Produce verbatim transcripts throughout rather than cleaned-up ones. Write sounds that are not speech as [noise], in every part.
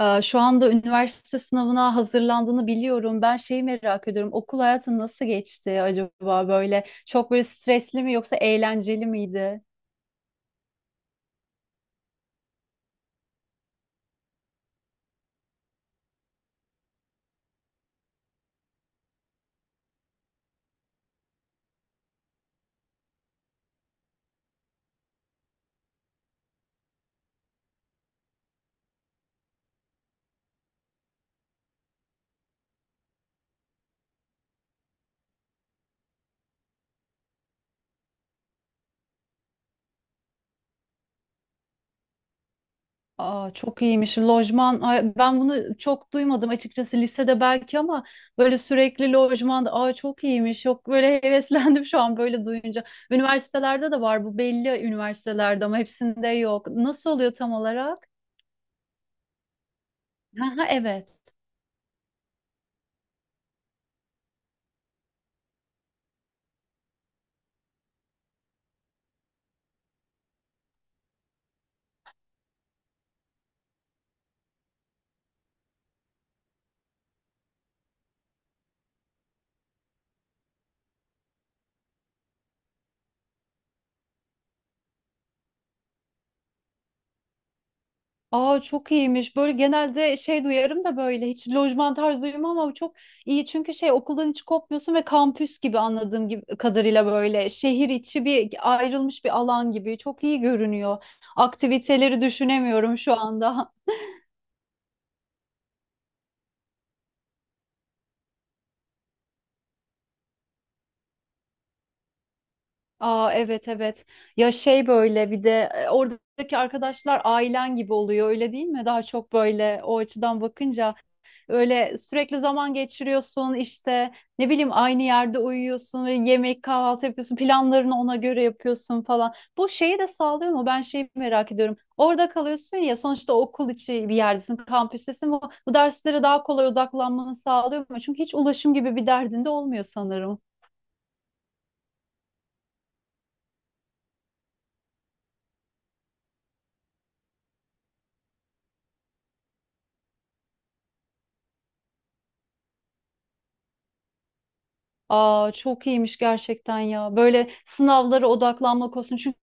Ee, Şu anda üniversite sınavına hazırlandığını biliyorum. Ben şeyi merak ediyorum. Okul hayatın nasıl geçti acaba böyle? Çok böyle stresli mi yoksa eğlenceli miydi? Aa, çok iyiymiş. Lojman, ay, ben bunu çok duymadım açıkçası lisede belki ama böyle sürekli lojmanda, aa, çok iyiymiş. Çok böyle [laughs] heveslendim şu an böyle duyunca. Üniversitelerde de var bu belli üniversitelerde ama hepsinde yok. Nasıl oluyor tam olarak? [laughs] Ha, evet. Aa, çok iyiymiş. Böyle genelde şey duyarım da böyle hiç lojman tarzı duymuyorum ama bu çok iyi. Çünkü şey okuldan hiç kopmuyorsun ve kampüs gibi anladığım gibi, kadarıyla böyle şehir içi bir ayrılmış bir alan gibi. Çok iyi görünüyor. Aktiviteleri düşünemiyorum şu anda. [laughs] Aa, evet evet. Ya şey böyle bir de e, oradaki arkadaşlar ailen gibi oluyor öyle değil mi? Daha çok böyle o açıdan bakınca. Öyle sürekli zaman geçiriyorsun işte ne bileyim aynı yerde uyuyorsun ve yemek kahvaltı yapıyorsun planlarını ona göre yapıyorsun falan. Bu şeyi de sağlıyor mu? Ben şeyi merak ediyorum. Orada kalıyorsun ya sonuçta okul içi bir yerdesin, kampüstesin. Bu, bu derslere daha kolay odaklanmanı sağlıyor mu? Çünkü hiç ulaşım gibi bir derdin de olmuyor sanırım. Aa, çok iyiymiş gerçekten ya. Böyle sınavlara odaklanmak olsun. çünkü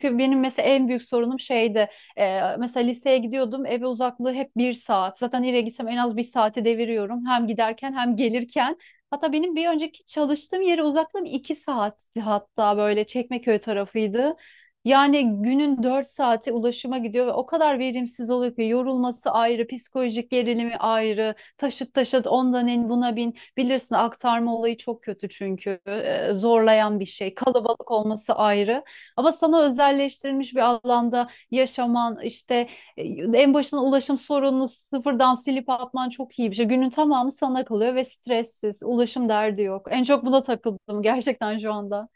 Çünkü benim mesela en büyük sorunum şeydi. E, mesela liseye gidiyordum. Eve uzaklığı hep bir saat. Zaten nereye gitsem en az bir saati deviriyorum. Hem giderken hem gelirken. Hatta benim bir önceki çalıştığım yere uzaklığım iki saatti, hatta böyle Çekmeköy tarafıydı. Yani günün dört saati ulaşıma gidiyor ve o kadar verimsiz oluyor ki yorulması ayrı, psikolojik gerilimi ayrı, taşıt taşıt ondan en buna bin. Bilirsin aktarma olayı çok kötü çünkü e, zorlayan bir şey. Kalabalık olması ayrı. Ama sana özelleştirilmiş bir alanda yaşaman, işte e, en başına ulaşım sorununu sıfırdan silip atman çok iyi bir şey. Günün tamamı sana kalıyor ve stressiz, ulaşım derdi yok. En çok buna takıldım gerçekten şu anda.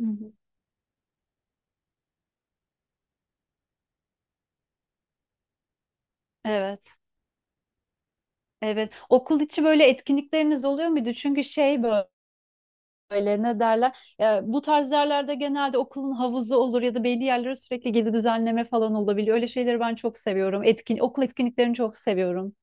Hı hı. Evet, evet. Okul içi böyle etkinlikleriniz oluyor muydu? Çünkü şey böyle ne derler? Ya, bu tarz yerlerde genelde okulun havuzu olur ya da belli yerlere sürekli gezi düzenleme falan olabiliyor. Öyle şeyleri ben çok seviyorum. Etkin, okul etkinliklerini çok seviyorum.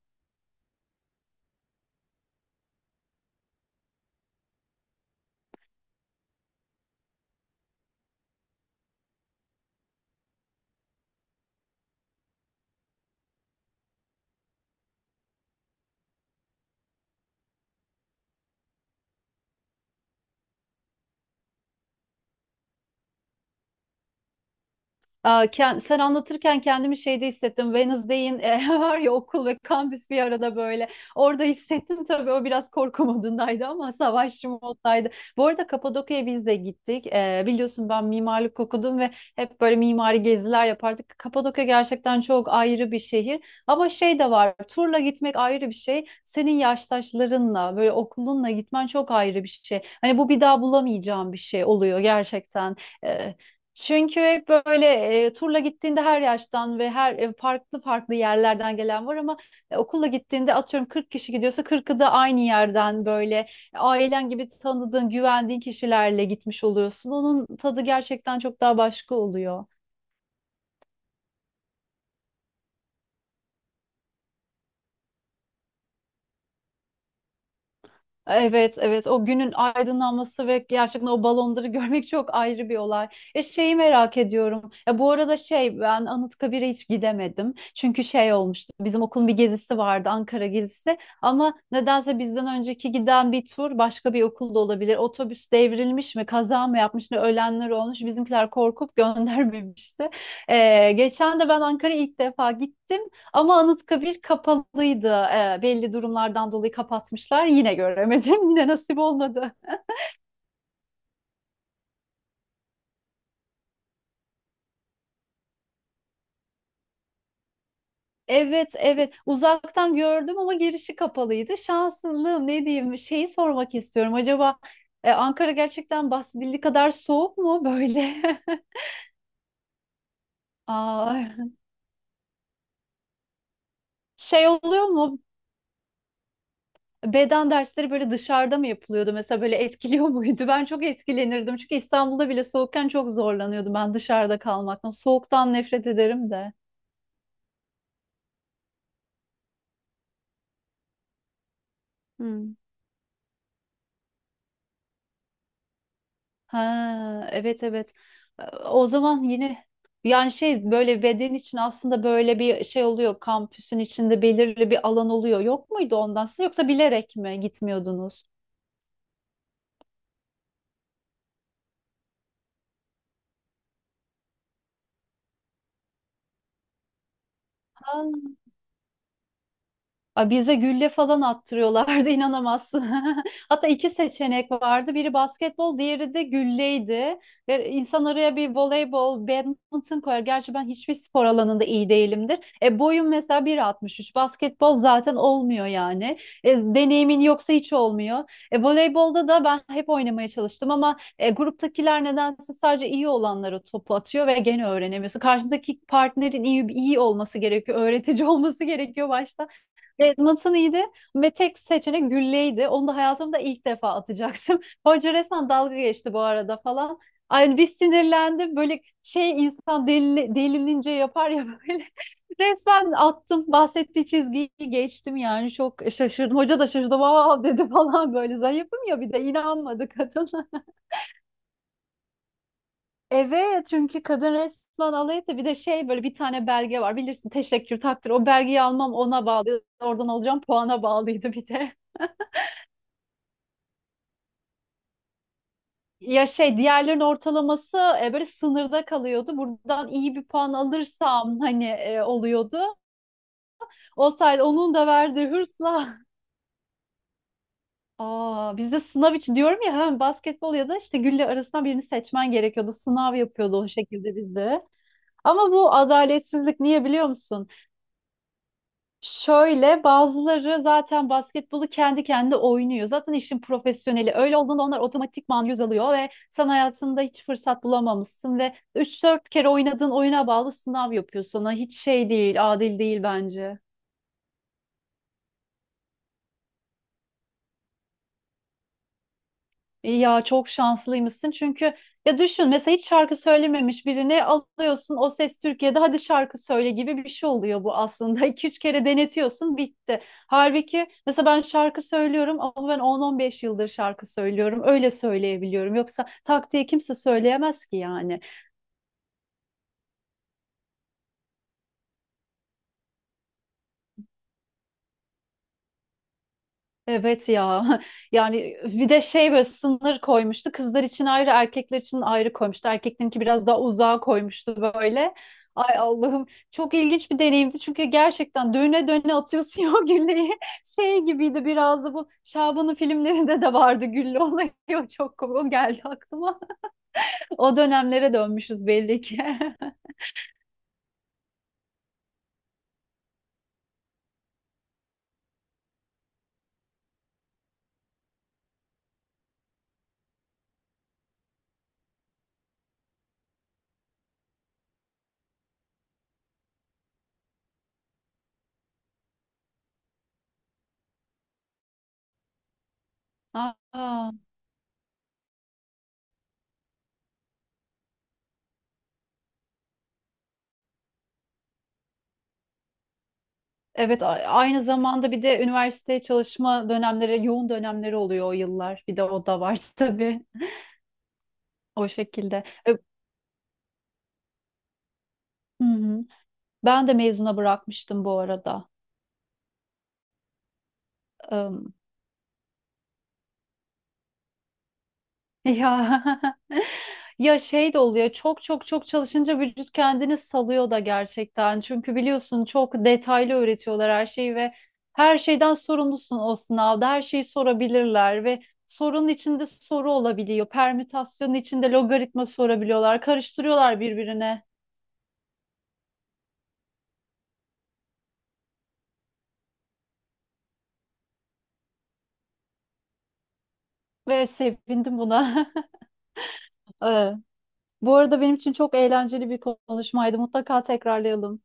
Aa, ken- sen anlatırken kendimi şeyde hissettim. Wednesday'in e, [laughs] var ya okul ve kampüs bir arada böyle. Orada hissettim tabii o biraz korku modundaydı ama [laughs] savaşçı moddaydı. Bu arada Kapadokya'ya biz de gittik. Ee, biliyorsun ben mimarlık okudum ve hep böyle mimari geziler yapardık. Kapadokya gerçekten çok ayrı bir şehir. Ama şey de var. Turla gitmek ayrı bir şey. Senin yaştaşlarınla böyle okulunla gitmen çok ayrı bir şey. Hani bu bir daha bulamayacağım bir şey oluyor gerçekten. E, çünkü hep böyle e, turla gittiğinde her yaştan ve her e, farklı farklı yerlerden gelen var ama e, okulla gittiğinde atıyorum kırk kişi gidiyorsa kırkı da aynı yerden böyle e, ailen gibi tanıdığın, güvendiğin kişilerle gitmiş oluyorsun. Onun tadı gerçekten çok daha başka oluyor. Evet, evet. O günün aydınlanması ve gerçekten o balonları [laughs] görmek çok ayrı bir olay. E şeyi merak ediyorum. Ya bu arada şey ben Anıtkabir'e hiç gidemedim. Çünkü şey olmuştu. Bizim okulun bir gezisi vardı, Ankara gezisi. Ama nedense bizden önceki giden bir tur başka bir okulda olabilir. Otobüs devrilmiş mi, kaza mı yapmış ne ölenler olmuş. Bizimkiler korkup [laughs] göndermemişti. E, geçen de ben Ankara'ya ilk defa gittim. Ama Anıtkabir kapalıydı. Ee, belli durumlardan dolayı kapatmışlar. Yine göremedim. [laughs] Yine nasip olmadı. Evet, evet. Uzaktan gördüm ama girişi kapalıydı. Şanssızlığım ne diyeyim? Şeyi sormak istiyorum. Acaba e, Ankara gerçekten bahsedildiği kadar soğuk mu böyle? [laughs] Aa, şey oluyor mu? Beden dersleri böyle dışarıda mı yapılıyordu? Mesela böyle etkiliyor muydu? Ben çok etkilenirdim. Çünkü İstanbul'da bile soğukken çok zorlanıyordum ben dışarıda kalmaktan. Soğuktan nefret ederim de. Hmm. Ha, evet evet. Ee, O zaman yine yani şey böyle beden için aslında böyle bir şey oluyor. Kampüsün içinde belirli bir alan oluyor. Yok muydu ondan siz yoksa bilerek mi gitmiyordunuz? Ha. Ay, Bize gülle falan attırıyorlardı [laughs] inanamazsın. [laughs] Hatta iki seçenek vardı. Biri basketbol, diğeri de gülleydi. Ve insan araya bir voleybol, badminton koyar. Gerçi ben hiçbir spor alanında iyi değilimdir. E boyum mesela bir altmış üç. Basketbol zaten olmuyor yani. E, deneyimin yoksa hiç olmuyor. E voleybolda da ben hep oynamaya çalıştım ama e, gruptakiler nedense sadece iyi olanlara topu atıyor ve gene öğrenemiyorsun. Karşındaki partnerin iyi iyi olması gerekiyor, öğretici [laughs] olması gerekiyor başta. Evet, matın iyiydi ve tek seçenek gülleydi. Onu da hayatımda ilk defa atacaktım. [laughs] Hoca resmen dalga geçti bu arada falan. Aynı bir sinirlendim. Böyle şey insan deli, delilince yapar ya böyle. [laughs] Resmen attım. Bahsettiği çizgiyi geçtim yani. Çok şaşırdım. Hoca da şaşırdı. Vav dedi [laughs] falan böyle. Zayıfım ya bir de inanmadı [laughs] kadın. Evet çünkü kadın resmen alay etti. Bir de şey böyle bir tane belge var. Bilirsin teşekkür takdir. O belgeyi almam ona bağlı. Oradan alacağım puana bağlıydı bir de. Ya şey diğerlerin ortalaması e, böyle sınırda kalıyordu. Buradan iyi bir puan alırsam hani e, oluyordu. O sayede onun da verdiği hırsla. [laughs] Aa, bizde sınav için diyorum ya hem basketbol ya da işte gülle arasından birini seçmen gerekiyordu. Sınav yapıyordu o şekilde bizde. Ama bu adaletsizlik niye biliyor musun? Şöyle bazıları zaten basketbolu kendi kendine oynuyor. Zaten işin profesyoneli. Öyle olduğunda onlar otomatikman yüz alıyor ve sen hayatında hiç fırsat bulamamışsın ve üç dört kere oynadığın oyuna bağlı sınav yapıyor sana. Hiç şey değil, adil değil bence. İyi Ya çok şanslıymışsın çünkü ya düşün mesela hiç şarkı söylememiş birini alıyorsun o ses Türkiye'de hadi şarkı söyle gibi bir şey oluyor bu aslında. [laughs] iki üç kere denetiyorsun bitti. Halbuki mesela ben şarkı söylüyorum ama ben on on beş yıldır şarkı söylüyorum öyle söyleyebiliyorum yoksa tak diye kimse söyleyemez ki yani. Evet ya. [laughs] Yani bir de şey böyle sınır koymuştu. Kızlar için ayrı, erkekler için ayrı koymuştu. Erkeklerinki biraz daha uzağa koymuştu böyle. Ay Allah'ım çok ilginç bir deneyimdi çünkü gerçekten döne döne atıyorsun [laughs] o gülleyi. Şey gibiydi biraz da bu Şaban'ın filmlerinde de vardı gülle olayı. [laughs] O çok komik. O geldi aklıma. [laughs] O dönemlere dönmüşüz belli ki. [laughs] Aa, evet a- aynı zamanda bir de üniversiteye çalışma dönemleri, yoğun dönemleri oluyor o yıllar. Bir de o da var [laughs] tabii. O şekilde. E, hı hı. Ben de mezuna bırakmıştım bu arada. Em, ya [laughs] ya şey de oluyor. Çok çok çok çalışınca vücut kendini salıyor da gerçekten. Çünkü biliyorsun çok detaylı öğretiyorlar her şeyi ve her şeyden sorumlusun o sınavda. Her şeyi sorabilirler ve sorunun içinde soru olabiliyor. Permütasyonun içinde logaritma sorabiliyorlar. Karıştırıyorlar birbirine. Ve sevindim buna. [laughs] Bu arada benim için çok eğlenceli bir konuşmaydı. Mutlaka tekrarlayalım.